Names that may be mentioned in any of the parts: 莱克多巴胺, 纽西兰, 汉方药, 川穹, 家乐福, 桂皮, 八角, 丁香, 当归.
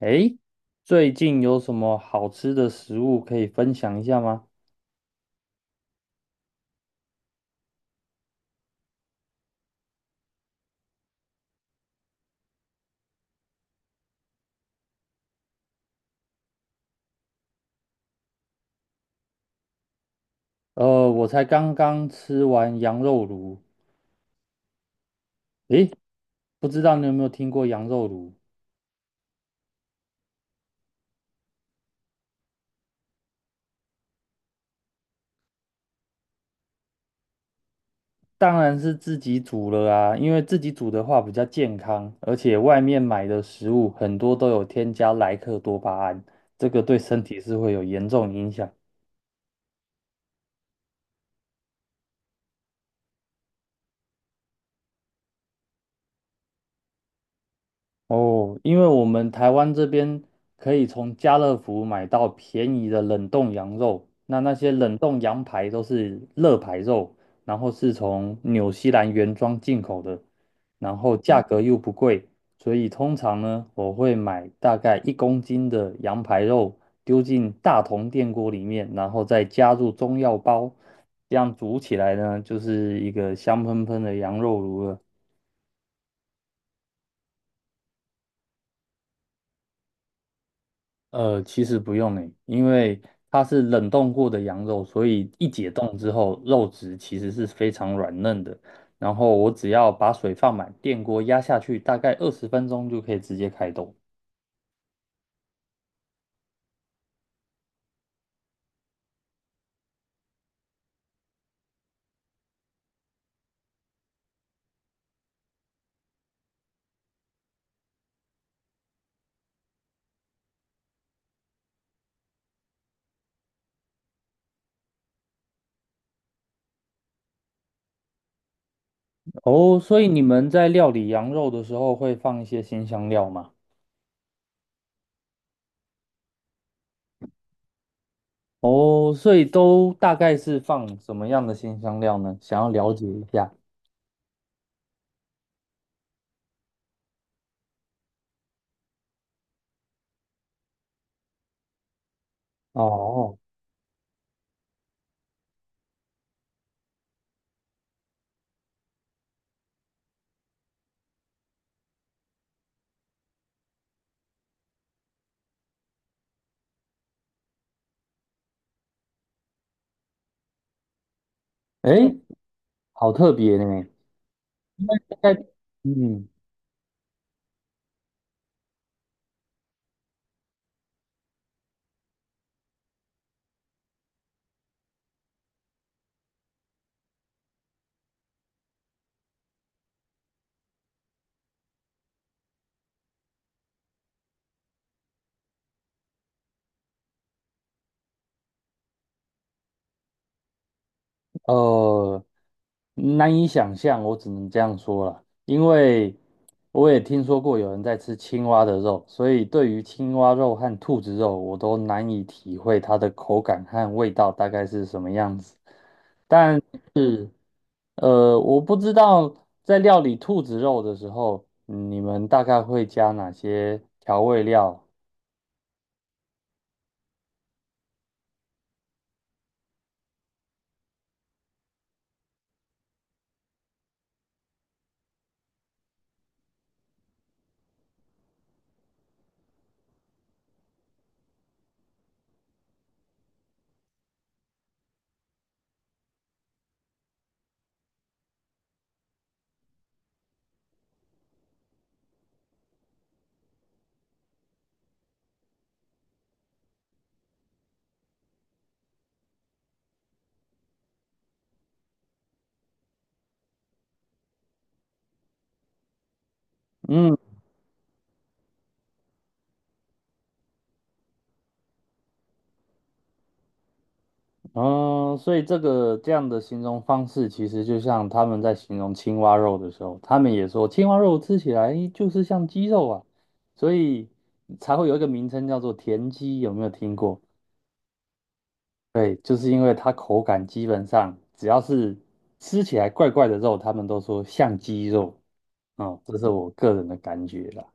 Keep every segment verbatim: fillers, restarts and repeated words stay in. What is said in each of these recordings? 诶，最近有什么好吃的食物可以分享一下吗？呃，我才刚刚吃完羊肉炉。诶，不知道你有没有听过羊肉炉？当然是自己煮了啊，因为自己煮的话比较健康，而且外面买的食物很多都有添加莱克多巴胺，这个对身体是会有严重影响。哦，因为我们台湾这边可以从家乐福买到便宜的冷冻羊肉，那那些冷冻羊排都是乐排肉，然后是从纽西兰原装进口的，然后价格又不贵，所以通常呢，我会买大概一公斤的羊排肉丢进大铜电锅里面，然后再加入中药包，这样煮起来呢，就是一个香喷喷的羊肉炉了。呃，其实不用诶，因为它是冷冻过的羊肉，所以一解冻之后，肉质其实是非常软嫩的。然后我只要把水放满，电锅压下去，大概二十分钟就可以直接开动。哦，所以你们在料理羊肉的时候会放一些新香料吗？哦，所以都大概是放什么样的新香料呢？想要了解一下。哦，诶，好特别呢。大概，嗯。呃，难以想象，我只能这样说了，因为我也听说过有人在吃青蛙的肉，所以对于青蛙肉和兔子肉，我都难以体会它的口感和味道大概是什么样子。但是，呃，我不知道在料理兔子肉的时候，你们大概会加哪些调味料？嗯。嗯，所以这个这样的形容方式，其实就像他们在形容青蛙肉的时候，他们也说青蛙肉吃起来就是像鸡肉啊，所以才会有一个名称叫做田鸡，有没有听过？对，就是因为它口感基本上只要是吃起来怪怪的肉，他们都说像鸡肉。哦，这是我个人的感觉啦。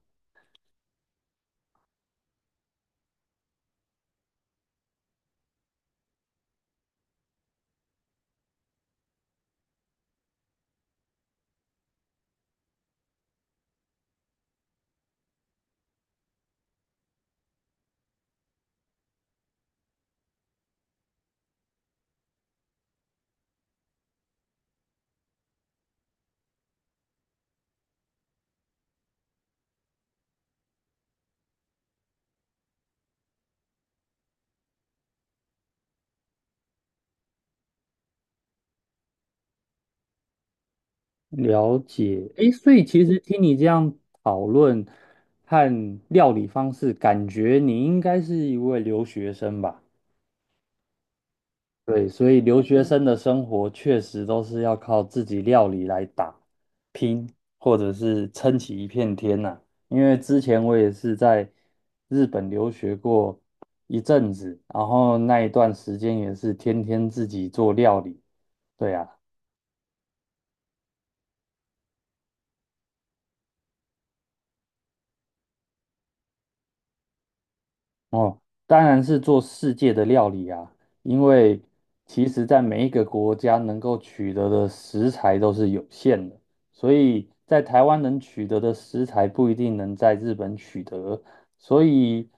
了解，诶，所以其实听你这样讨论和料理方式，感觉你应该是一位留学生吧？对，所以留学生的生活确实都是要靠自己料理来打拼，或者是撑起一片天呐、因为之前我也是在日本留学过一阵子，然后那一段时间也是天天自己做料理。对啊，哦，当然是做世界的料理啊，因为其实在每一个国家能够取得的食材都是有限的，所以在台湾能取得的食材不一定能在日本取得，所以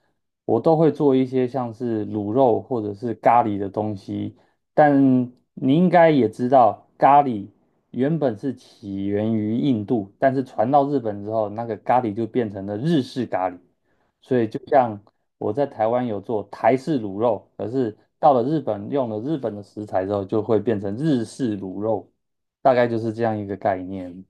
我都会做一些像是卤肉或者是咖喱的东西。但你应该也知道，咖喱原本是起源于印度，但是传到日本之后，那个咖喱就变成了日式咖喱。所以就像我在台湾有做台式卤肉，可是到了日本用了日本的食材之后，就会变成日式卤肉，大概就是这样一个概念。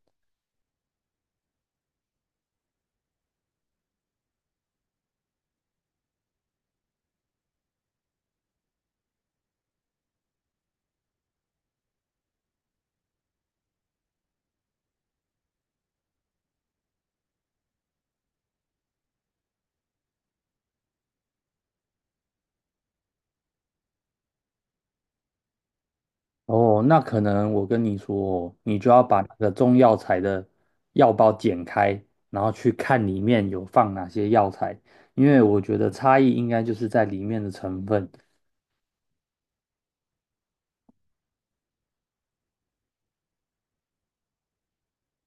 哦，那可能我跟你说哦你就要把那个中药材的药包剪开，然后去看里面有放哪些药材，因为我觉得差异应该就是在里面的成分。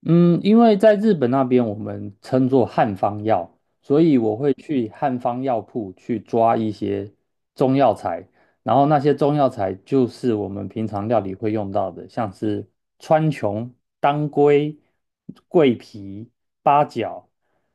嗯，因为在日本那边我们称作汉方药，所以我会去汉方药铺去抓一些中药材，然后那些中药材就是我们平常料理会用到的，像是川穹、当归、桂皮、八角、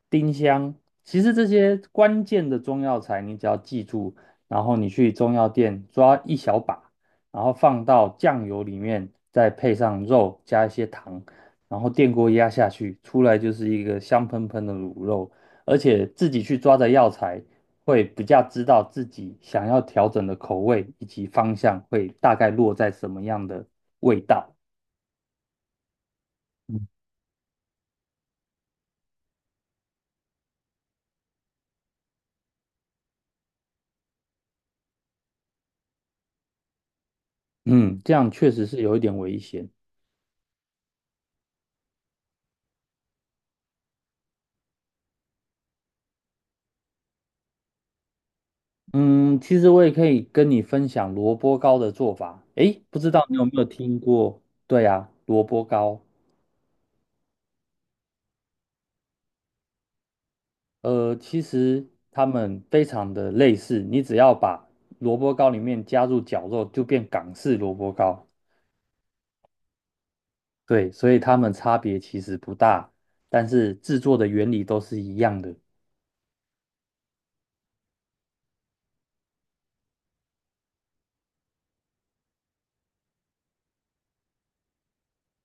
丁香。其实这些关键的中药材，你只要记住，然后你去中药店抓一小把，然后放到酱油里面，再配上肉，加一些糖。然后电锅压下去，出来就是一个香喷喷的卤肉，而且自己去抓的药材会比较知道自己想要调整的口味以及方向会大概落在什么样的味道。嗯，嗯这样确实是有一点危险。嗯，其实我也可以跟你分享萝卜糕的做法。诶，不知道你有没有听过？对呀，萝卜糕。呃，其实它们非常的类似，你只要把萝卜糕里面加入绞肉，就变港式萝卜糕。对，所以它们差别其实不大，但是制作的原理都是一样的。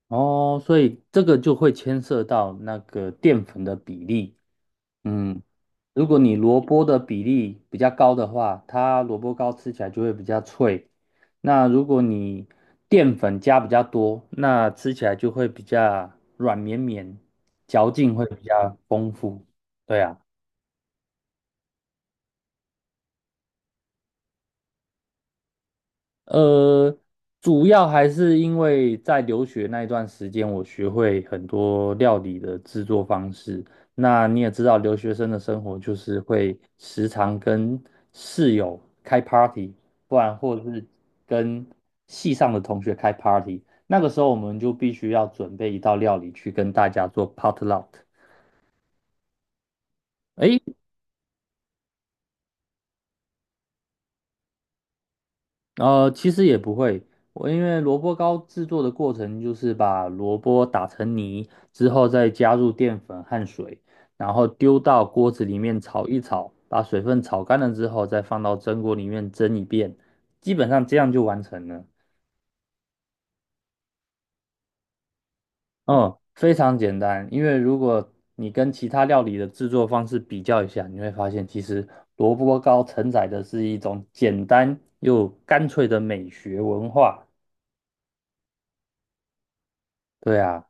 哦，所以这个就会牵涉到那个淀粉的比例。嗯，如果你萝卜的比例比较高的话，它萝卜糕吃起来就会比较脆。那如果你淀粉加比较多，那吃起来就会比较软绵绵，嚼劲会比较丰富。对啊。呃，主要还是因为在留学那一段时间，我学会很多料理的制作方式。那你也知道，留学生的生活就是会时常跟室友开 party，不然或者是跟系上的同学开 party。那个时候我们就必须要准备一道料理去跟大家做 potluck。呃，其实也不会，我因为萝卜糕制作的过程就是把萝卜打成泥之后，再加入淀粉和水，然后丢到锅子里面炒一炒，把水分炒干了之后，再放到蒸锅里面蒸一遍，基本上这样就完成了。嗯，非常简单，因为如果你跟其他料理的制作方式比较一下，你会发现其实萝卜糕承载的是一种简单又干脆的美学文化。对啊。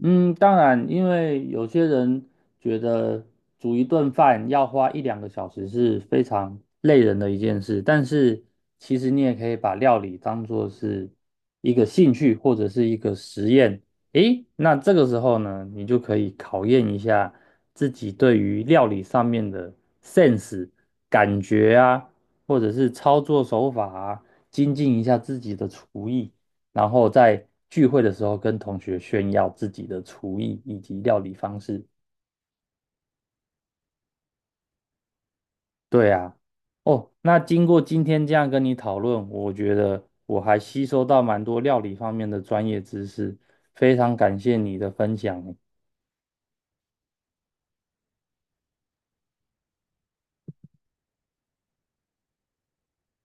嗯，当然，因为有些人觉得煮一顿饭要花一两个小时是非常累人的一件事，但是其实你也可以把料理当做是一个兴趣或者是一个实验。诶，那这个时候呢，你就可以考验一下自己对于料理上面的 sense、感觉啊，或者是操作手法啊，精进一下自己的厨艺。然后在聚会的时候跟同学炫耀自己的厨艺以及料理方式。对啊，哦，那经过今天这样跟你讨论，我觉得我还吸收到蛮多料理方面的专业知识，非常感谢你的分享欸。